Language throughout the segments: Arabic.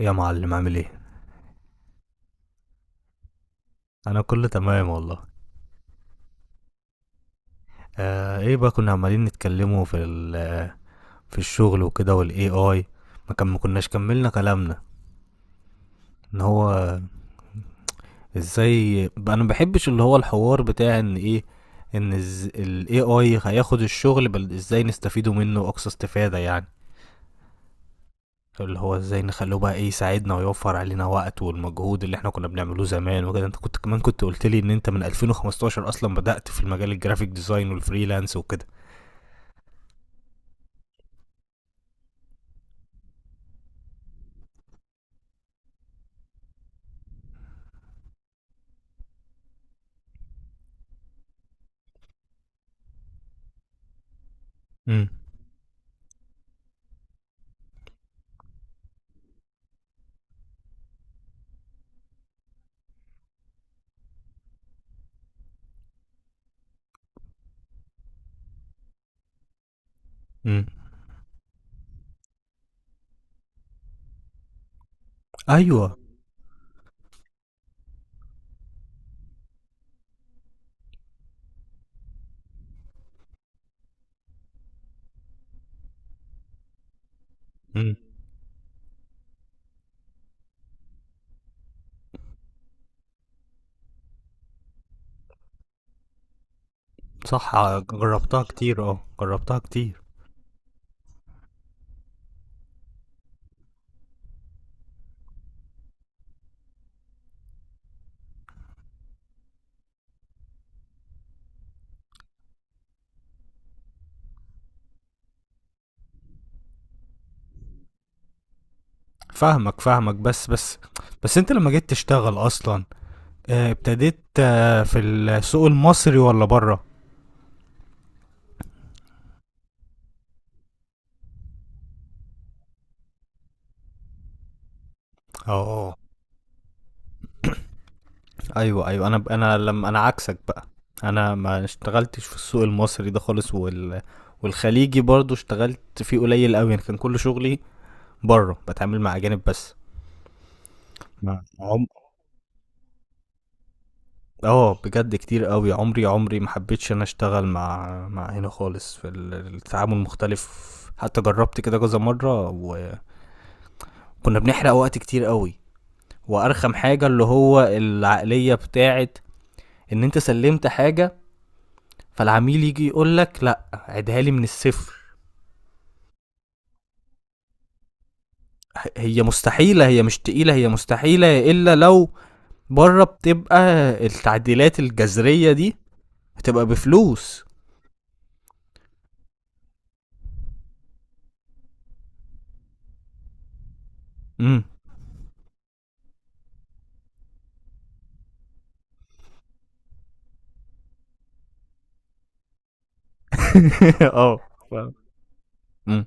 يا معلم عامل ايه؟ انا كله تمام والله. ايه بقى، كنا عمالين نتكلموا في في الشغل وكده والاي اي. ما كناش كملنا كلامنا. ان هو ازاي انا ما بحبش اللي هو الحوار بتاع ان ايه، ان الاي اي هياخد الشغل، بل ازاي نستفيدوا منه اقصى استفادة يعني. اللي هو ازاي نخلوه بقى ايه، يساعدنا ويوفر علينا وقت والمجهود اللي احنا كنا بنعمله زمان وكده. انت كنت كمان كنت قلت لي ان انت من 2015 اصلا بدأت في المجال، الجرافيك ديزاين والفريلانس وكده. امم امم ايوه. امم صح. جربتها كتير، اه جربتها كتير. فاهمك فاهمك، بس انت لما جيت تشتغل اصلا، ابتديت في السوق المصري ولا بره؟ اه، ايوه ايوه. انا لما عكسك بقى، انا ما اشتغلتش في السوق المصري ده خالص، والخليجي برضو اشتغلت فيه قليل قوي يعني، كان كل شغلي بره، بتعامل مع اجانب بس. ما اه، بجد كتير قوي، عمري عمري ما حبيتش انا اشتغل مع هنا خالص. في التعامل مختلف، حتى جربت كده كذا مره وكنا بنحرق وقت كتير قوي. وارخم حاجه اللي هو العقليه بتاعت ان انت سلمت حاجه، فالعميل يجي يقول لك لا عيدها لي من الصفر. هي مستحيله، هي مش تقيله، هي مستحيله الا لو بره. بتبقى التعديلات الجذريه دي بتبقى بفلوس. امم. اه. ف- مم.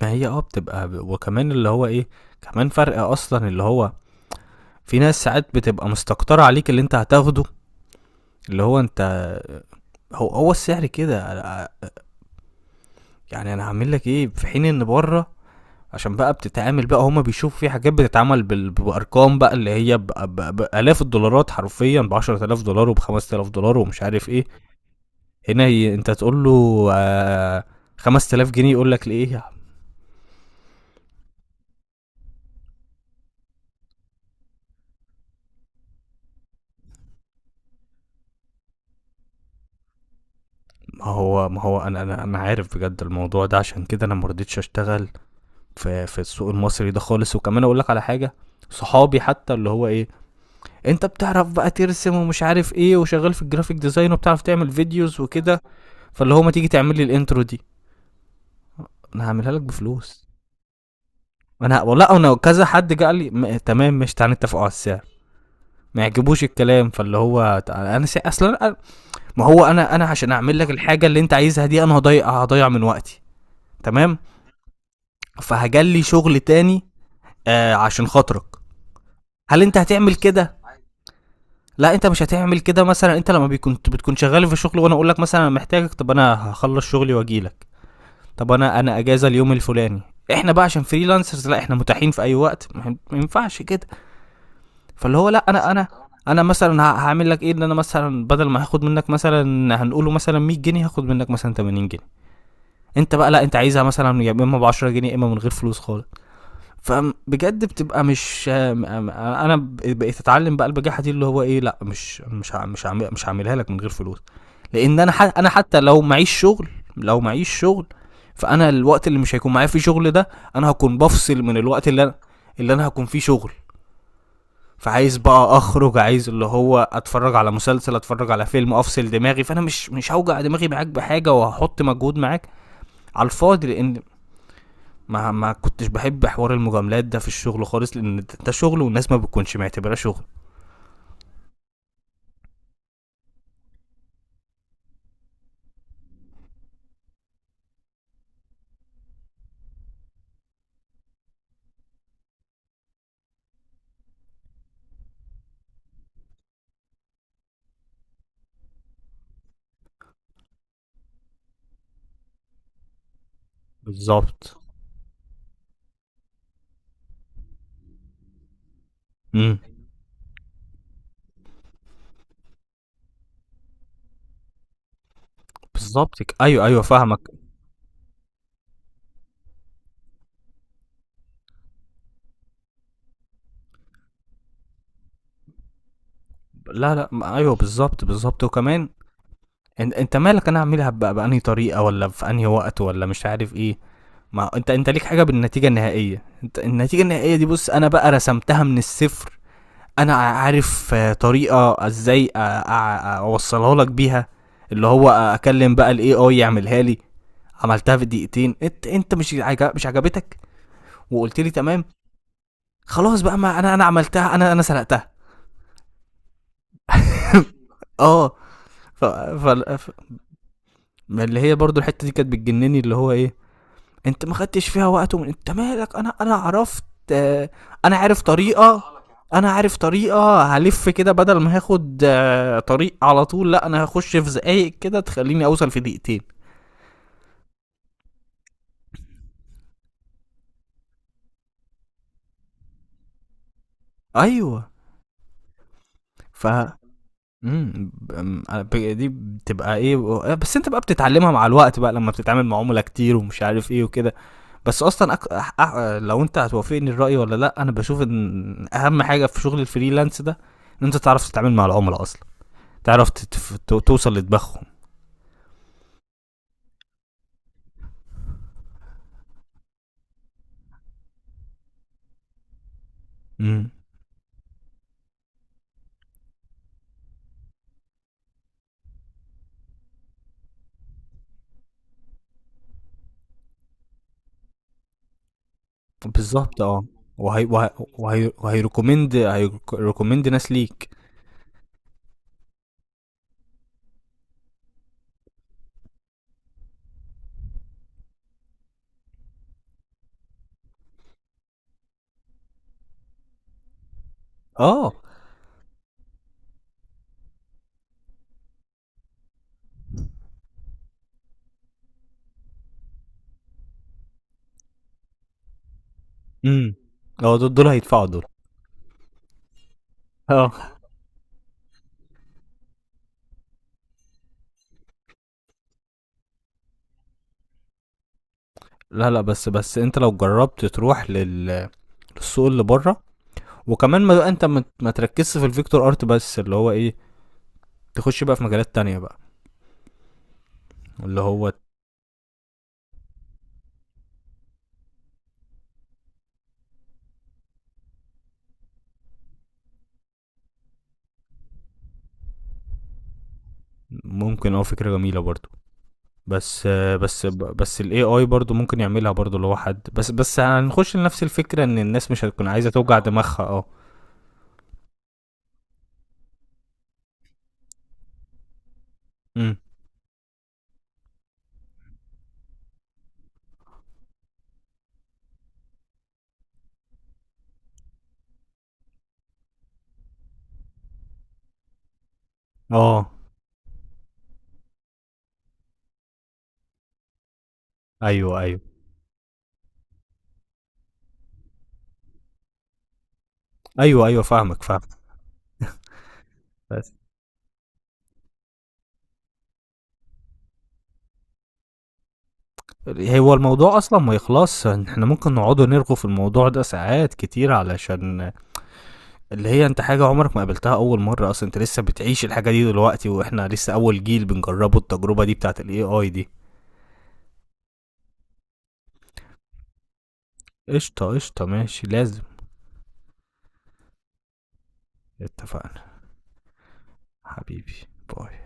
ما هي اه بتبقى وكمان اللي هو ايه، كمان فرق اصلا اللي هو في ناس ساعات بتبقى مستكترة عليك اللي انت هتاخده، اللي هو انت، هو هو السعر كده يعني. انا هعمل لك ايه، في حين ان بره، عشان بقى بتتعامل بقى، هما بيشوفوا في حاجات بتتعمل بارقام بقى، اللي هي بالاف الدولارات، حرفيا ب 10000 دولار وب 5000 دولار ومش عارف ايه. هنا هي انت تقول له آه 5000 جنيه يقول لك ليه؟ ما هو ما هو انا عارف بجد الموضوع ده، عشان كده انا ما رضيتش اشتغل في السوق المصري ده خالص. وكمان اقول لك على حاجه، صحابي حتى اللي هو ايه، انت بتعرف بقى ترسم ومش عارف ايه، وشغال في الجرافيك ديزاين، وبتعرف تعمل فيديوز وكده، فاللي هو ما تيجي تعمل لي الانترو دي. انا هعملها لك بفلوس. انا والله انا كذا حد جه قال لي تمام، مش تعالى نتفقوا على السعر، ما يعجبوش الكلام، فاللي هو انا اصلا ما هو انا عشان اعمل لك الحاجه اللي انت عايزها دي، انا هضيع من وقتي. تمام. فهجلي شغل تاني، آه عشان خاطرك. هل انت هتعمل كده؟ لا انت مش هتعمل كده. مثلا انت لما بيكون بتكون شغال في شغل، وانا اقول لك مثلا انا محتاجك، طب انا هخلص شغلي واجيلك. طب انا اجازه اليوم الفلاني، احنا بقى عشان فريلانسرز لا احنا متاحين في اي وقت، ما ما ينفعش كده. فاللي هو لا انا انا مثلا هعمل لك ايه، ان انا مثلا بدل ما هاخد منك مثلا، هنقوله مثلا 100 جنيه، هاخد منك مثلا 80 جنيه. انت بقى لا، انت عايزها مثلا يا اما ب 10 جنيه يا اما من غير فلوس خالص. فبجد بتبقى مش انا. بقيت اتعلم بقى البجاحه دي، اللي هو ايه لا، مش هعملها لك من غير فلوس. لان انا انا حتى لو معيش شغل، لو معيش شغل، فانا الوقت اللي مش هيكون معايا فيه شغل ده، انا هكون بفصل من الوقت اللي اللي انا هكون فيه شغل. فعايز بقى اخرج، عايز اللي هو اتفرج على مسلسل، اتفرج على فيلم، افصل دماغي. فانا مش هوجع دماغي معاك بحاجه وهحط مجهود معاك على الفاضي، لان ما كنتش بحب حوار المجاملات ده في الشغل خالص، لان ده شغل والناس ما بتكونش معتبراه شغل. بالظبط. امم، بالظبط. ايوه ايوه فاهمك. لا لا، ايوه بالظبط بالظبط. وكمان انت مالك، انا اعملها بقى بأنهي طريقه، ولا في انهي وقت، ولا مش عارف ايه. ما انت ليك حاجه بالنتيجه النهائيه. انت النتيجه النهائيه دي، بص انا بقى رسمتها من الصفر. انا عارف طريقه ازاي اوصلها لك بيها. اللي هو اكلم بقى الاي اي يعملها لي، عملتها في دقيقتين، انت مش عجبتك، وقلت لي تمام. خلاص بقى، ما انا عملتها، انا سرقتها. اه. ف... ف... ف... ما اللي هي برضو الحته دي كانت بتجنني، اللي هو ايه، انت ما خدتش فيها وقت انت مالك، انا عرفت، آه، انا عارف طريقه، انا عارف طريقه هلف كده. بدل ما هاخد طريق على طول، لا انا هخش في زقايق كده تخليني اوصل في دقيقتين. ايوه. ف إمم، ب آمم، أ ب دي بتبقى إيه و آه، بس أنت بقى بتتعلّمها مع الوقت بقى، لمّا بتتعامل مع عُملا كتير ومش عارف إيه وكده. بس أصلًا، أك أح أح لو أنت هتوافقني الرأي والّا لأ، أنا باشوف إن أهَم حاجة في شغل الfreelance ده، إن أنت تعرف تتعامل مع العُملا أصلًا، تعرف ت تف ت توصل لدماغهم. إمم، بالضبط. آه، وهي وه وهي وهيrecommend هيرك recommend ناس ليك. آه، إمم، آه، دول هيدفعوا دول، آه. لا، لأ، بس أنت لو جرّبت تروح للسوق اللي برّه، وكمان ما انت ما تركزش في الفيكتور ارت بس. اللي هو ايه، تخش بقى في مجالات تانية بقى، اللي هو ممكن، اه، فكرة جميلة برضو. بس آه، بس الاي اي برضو ممكن يعملها برضو لو حد، بس هنخش لنفس الفكرة، ان الناس مش هتكون عايزة توجع دماغها. اه. امم. اه ايوه ايوه. ايوه ايوه فاهمك فاهمك. بس. هو الموضوع اصلا ما يخلص، احنا ممكن نقعد نرغو في الموضوع ده ساعات كتير، علشان اللي هي انت حاجة عمرك ما قابلتها اول مرة اصلا، انت لسه بتعيش الحاجة دي دلوقتي، واحنا لسه اول جيل بنجربه التجربة دي بتاعت الاي اي دي. قشطة قشطة، ماشي، لازم. اتفقنا. حبيبي، باي.